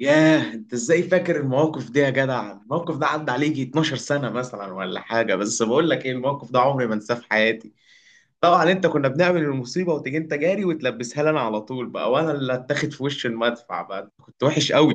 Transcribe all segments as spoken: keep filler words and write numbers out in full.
ياه، انت ازاي فاكر المواقف دي يا جدع؟ الموقف ده عدى عليه يجي 12 سنة مثلا ولا حاجة، بس بقول لك ايه، الموقف ده عمري ما انساه في حياتي. طبعا انت كنا بنعمل المصيبة وتيجي انت جاري وتلبسها لي انا على طول بقى، وانا اللي اتاخد في وش المدفع بقى. انت كنت وحش قوي.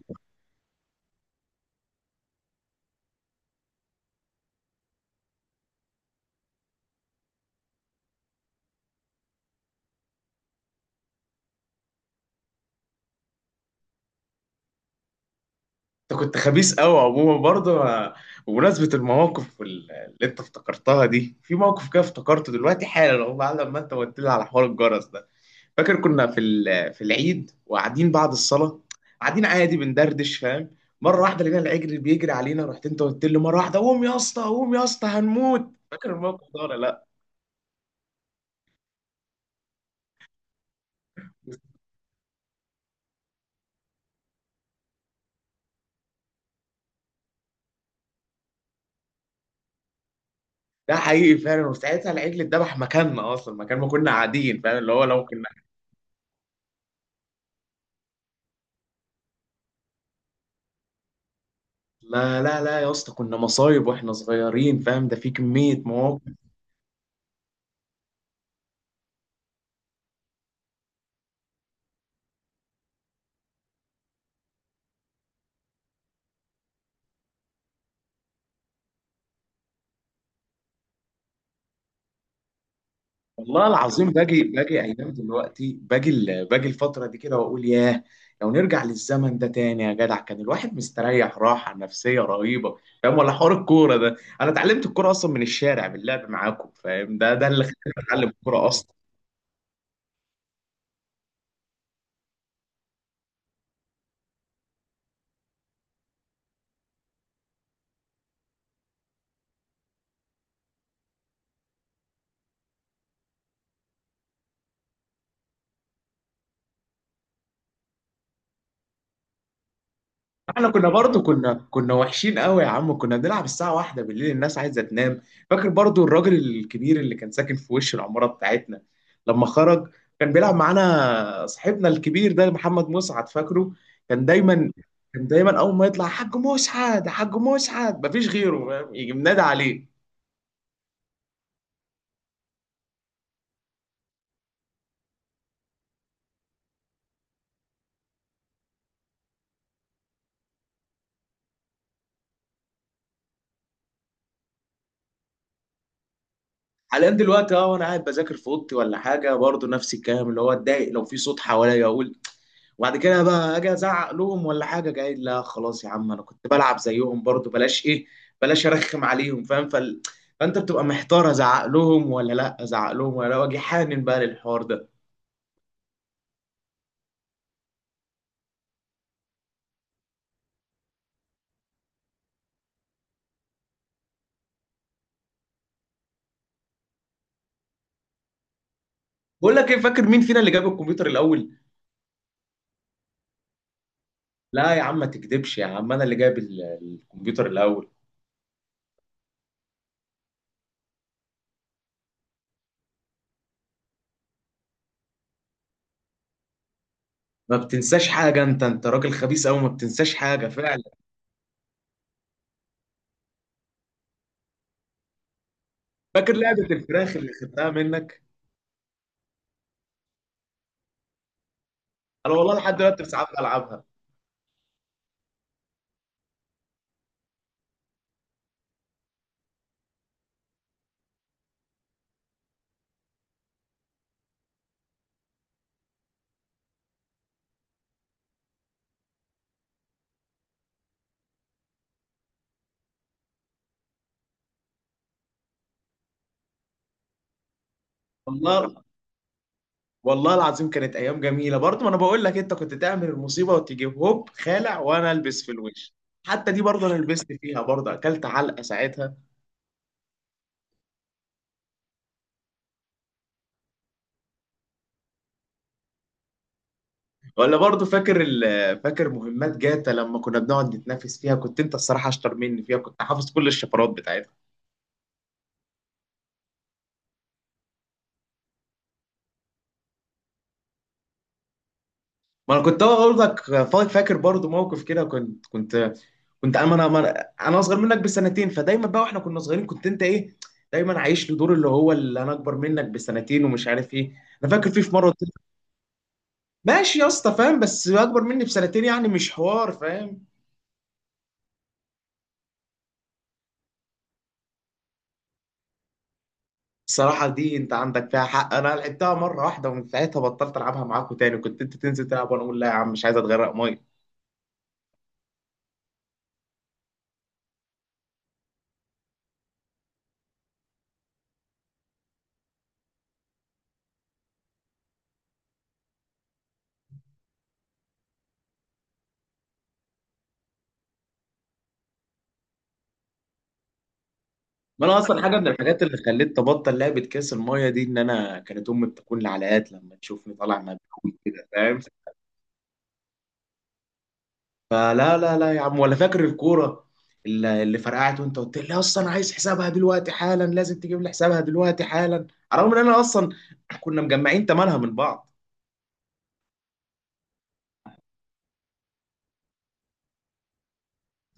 انت كنت خبيث قوي عموما برضه انا- بمناسبة المواقف وال- اللي انت افتكرتها دي، في موقف كده افتكرته دلوقتي حالا اهو بعد ما انت قلت لي على حوار الجرس ده. فاكر كنا في ال- في العيد وقاعدين بعد الصلاه، قاعدين عادي بندردش فاهم. مره واحده لقينا العجل بيجري علينا، رحت انت قلت له مره واحده: قوم يا اسطى قوم يا اسطى هنموت. فاكر الموقف ده ولا لا؟ ده حقيقي فعلا، وساعتها العجل اتذبح مكاننا اصلا، مكان ما كنا قاعدين فاهم، اللي هو لو كنا. لا لا لا يا اسطى، كنا مصايب واحنا صغيرين فاهم، ده في كميه مواقف. والله العظيم باجي باجي ايام دلوقتي، باجي ال- باجي الفتره دي كده واقول ياه، لو نرجع للزمن ده تاني يا جدع كان الواحد مستريح راحه نفسيه رهيبه فاهم؟ ولا حوار الكوره ده، انا اتعلمت الكوره اصلا من الشارع باللعب معاكم فاهم، ده ده اللي خلاني اتعلم الكوره اصلا. احنا كنا برضو كنا كنا وحشين قوي يا عم، كنا بنلعب الساعة واحدة بالليل الناس عايزة تنام. فاكر برضو الراجل الكبير اللي كان ساكن في وش العمارة بتاعتنا لما خرج؟ كان بيلعب معانا صاحبنا الكبير ده محمد مسعد، فاكره؟ كان دايما كان دايما اول ما يطلع: حاج مسعد حاج مسعد مفيش غيره فاهم، يجي منادى عليه. حاليا دلوقتي اه، وانا قاعد بذاكر في اوضتي ولا حاجة برضو نفس الكلام، اللي هو اتضايق لو في صوت حواليا اقول. وبعد كده بقى اجي ازعق لهم ولا حاجه، قايل: لا خلاص يا عم، انا كنت بلعب زيهم برضو، بلاش ايه، بلاش ارخم عليهم فاهم. فال... فانت بتبقى محتار، ازعق لهم ولا لا، ازعق لهم ولا لا، واجي حانن بقى للحوار ده. بقول لك ايه، فاكر مين فينا اللي جاب الكمبيوتر الاول؟ لا يا عم ما تكدبش يا عم، انا اللي جاب ال- الكمبيوتر الاول. ما بتنساش حاجه انت، انت راجل خبيث قوي، ما بتنساش حاجه فعلا. فاكر لعبه الفراخ اللي خدتها منك؟ انا والله لحد دلوقتي ساعات بلعبها. والله، والله العظيم كانت ايام جميله برضه. ما انا بقول لك، انت كنت تعمل المصيبه وتيجي هوب خالع وانا البس في الوش. حتى دي برضه انا لبست فيها برضه، اكلت علقه ساعتها. ولا برضه فاكر ال- فاكر مهمات جاتا؟ لما كنا بنقعد نتنافس فيها كنت انت الصراحه اشطر مني فيها، كنت حافظ كل الشفرات بتاعتها. ما انا كنت اقول لك، فا- فاكر برضه موقف كده؟ كنت كنت كنت انا انا أنا- أنا اصغر منك بسنتين، فدايما بقى واحنا كنا صغيرين كنت انت ايه، دايما عايش لدور اللي هو اللي انا اكبر منك بسنتين ومش عارف ايه. انا فاكر في في مره، ماشي يا اسطى فاهم، بس اكبر مني بسنتين يعني مش حوار فاهم. الصراحة دي انت عندك فيها حق، انا لعبتها مرة واحدة ومن ساعتها بطلت العبها معاكوا تاني. كنت انت تنزل تلعب وانا اقول: لا يا عم مش عايز اتغرق مية. ما انا اصلا حاجة من الحاجات اللي خلتني ابطل لعبة كاس المية دي ان انا كانت امي بتكون لعلقات لما تشوفني طالع مبلول كده فاهم. فلا لا لا يا عم، ولا فاكر الكورة اللي اللي فرقعت وانت قلت لي: اصلا انا عايز حسابها دلوقتي حالا، لازم تجيب لي حسابها دلوقتي حالا. على الرغم ان انا اصلا كنا مجمعين تمنها من بعض.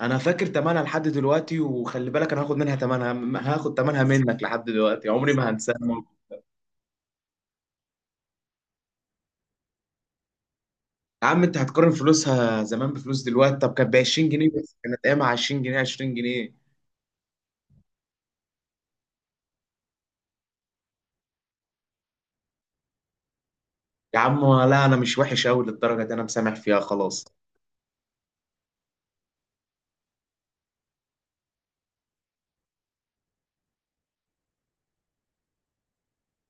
انا فاكر تمنها لحد دلوقتي، وخلي بالك انا هاخد منها تمنها م- هاخد تمنها منك لحد دلوقتي، عمري ما هنساها. يا عم انت هتقارن فلوسها زمان بفلوس دلوقتي؟ طب كانت ب عشرين جنيه بس، كانت ايامها عشرين جنيه عشرين جنيه يا عم. لا انا مش وحش قوي للدرجه دي، انا مسامح فيها خلاص.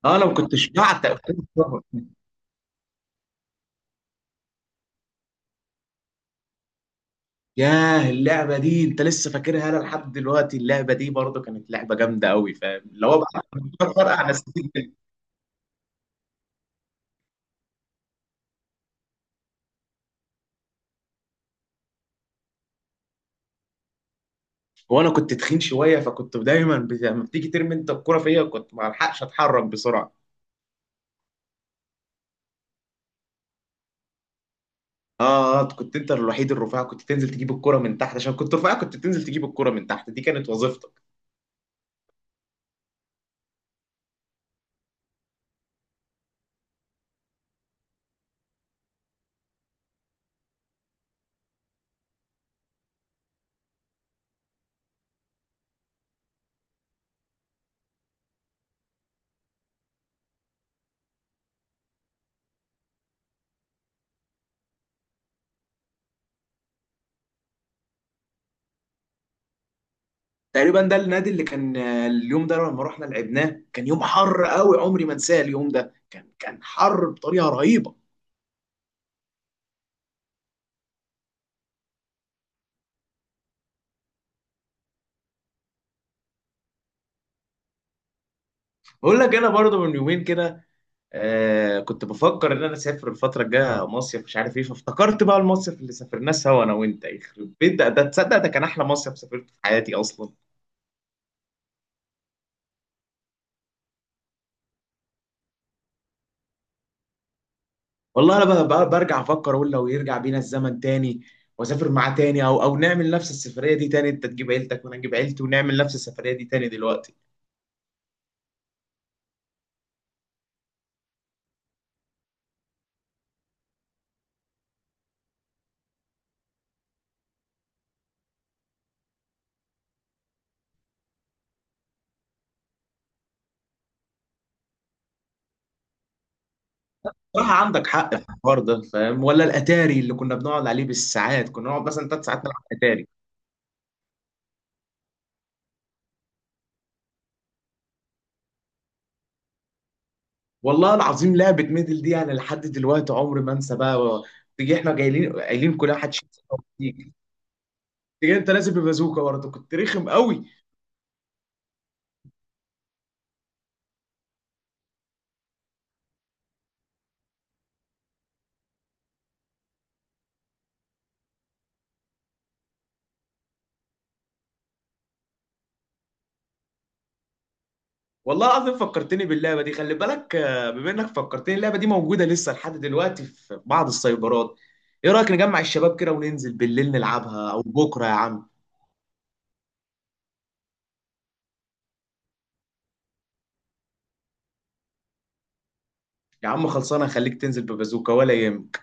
اه انا ما كنتش بعتق. ياه اللعبه دي انت لسه فاكرها؟ انا لحد دلوقتي اللعبه دي برضو كانت لعبه جامده قوي فاهم اللي هو بقى. فرقع نسيت. وانا كنت تخين شويه، فكنت دايما بت- لما بتيجي ترمي انت الكرة فيا كنت ما الحقش اتحرك بسرعه. اه آه، كنت انت الوحيد الرفيع، كنت تنزل تجيب الكرة من تحت عشان كنت رفيع، كنت تنزل تجيب الكرة من تحت، دي كانت وظيفتك. تقريبا ده النادي اللي كان آه، اليوم ده لما رحنا لعبناه كان يوم حر قوي عمري ما انساه. اليوم ده كان كان حر بطريقه رهيبه. بقول لك انا برضه من يومين كده آه كنت بفكر ان انا اسافر الفتره الجايه مصيف مش عارف ايه، فافتكرت بقى المصيف اللي سافرناه سوا انا وانت، يخرب بيت ده، ده تصدق ده كان احلى مصيف سافرته في حياتي اصلا. والله انا بقى, بقى برجع افكر اقول لو يرجع بينا الزمن تاني واسافر معاه تاني، او او نعمل نفس السفريه دي تاني، انت تجيب عيلتك وانا اجيب عيلتي ونعمل نفس السفريه دي تاني دلوقتي. صراحه عندك حق في الحوار ده فاهم، ولا الاتاري اللي كنا بنقعد عليه بالساعات، كنا نقعد مثلا ثلاث ساعات نلعب اتاري. والله العظيم لعبة ميدل دي انا لحد دلوقتي عمري ما انسى بقى. تيجي احنا جايين قايلين كلها محدش ينسى، هو تيجي تيجي انت لازم ببازوكا برضه، كنت رخم قوي. والله العظيم فكرتني باللعبة دي. خلي بالك آه، بما انك فكرتني اللعبة دي موجودة لسه لحد دلوقتي في بعض السايبرات. ايه رأيك نجمع الشباب كده وننزل بالليل نلعبها او بكرة يا عم؟ يا عم خلصانة، خليك تنزل ببازوكا ولا يهمك.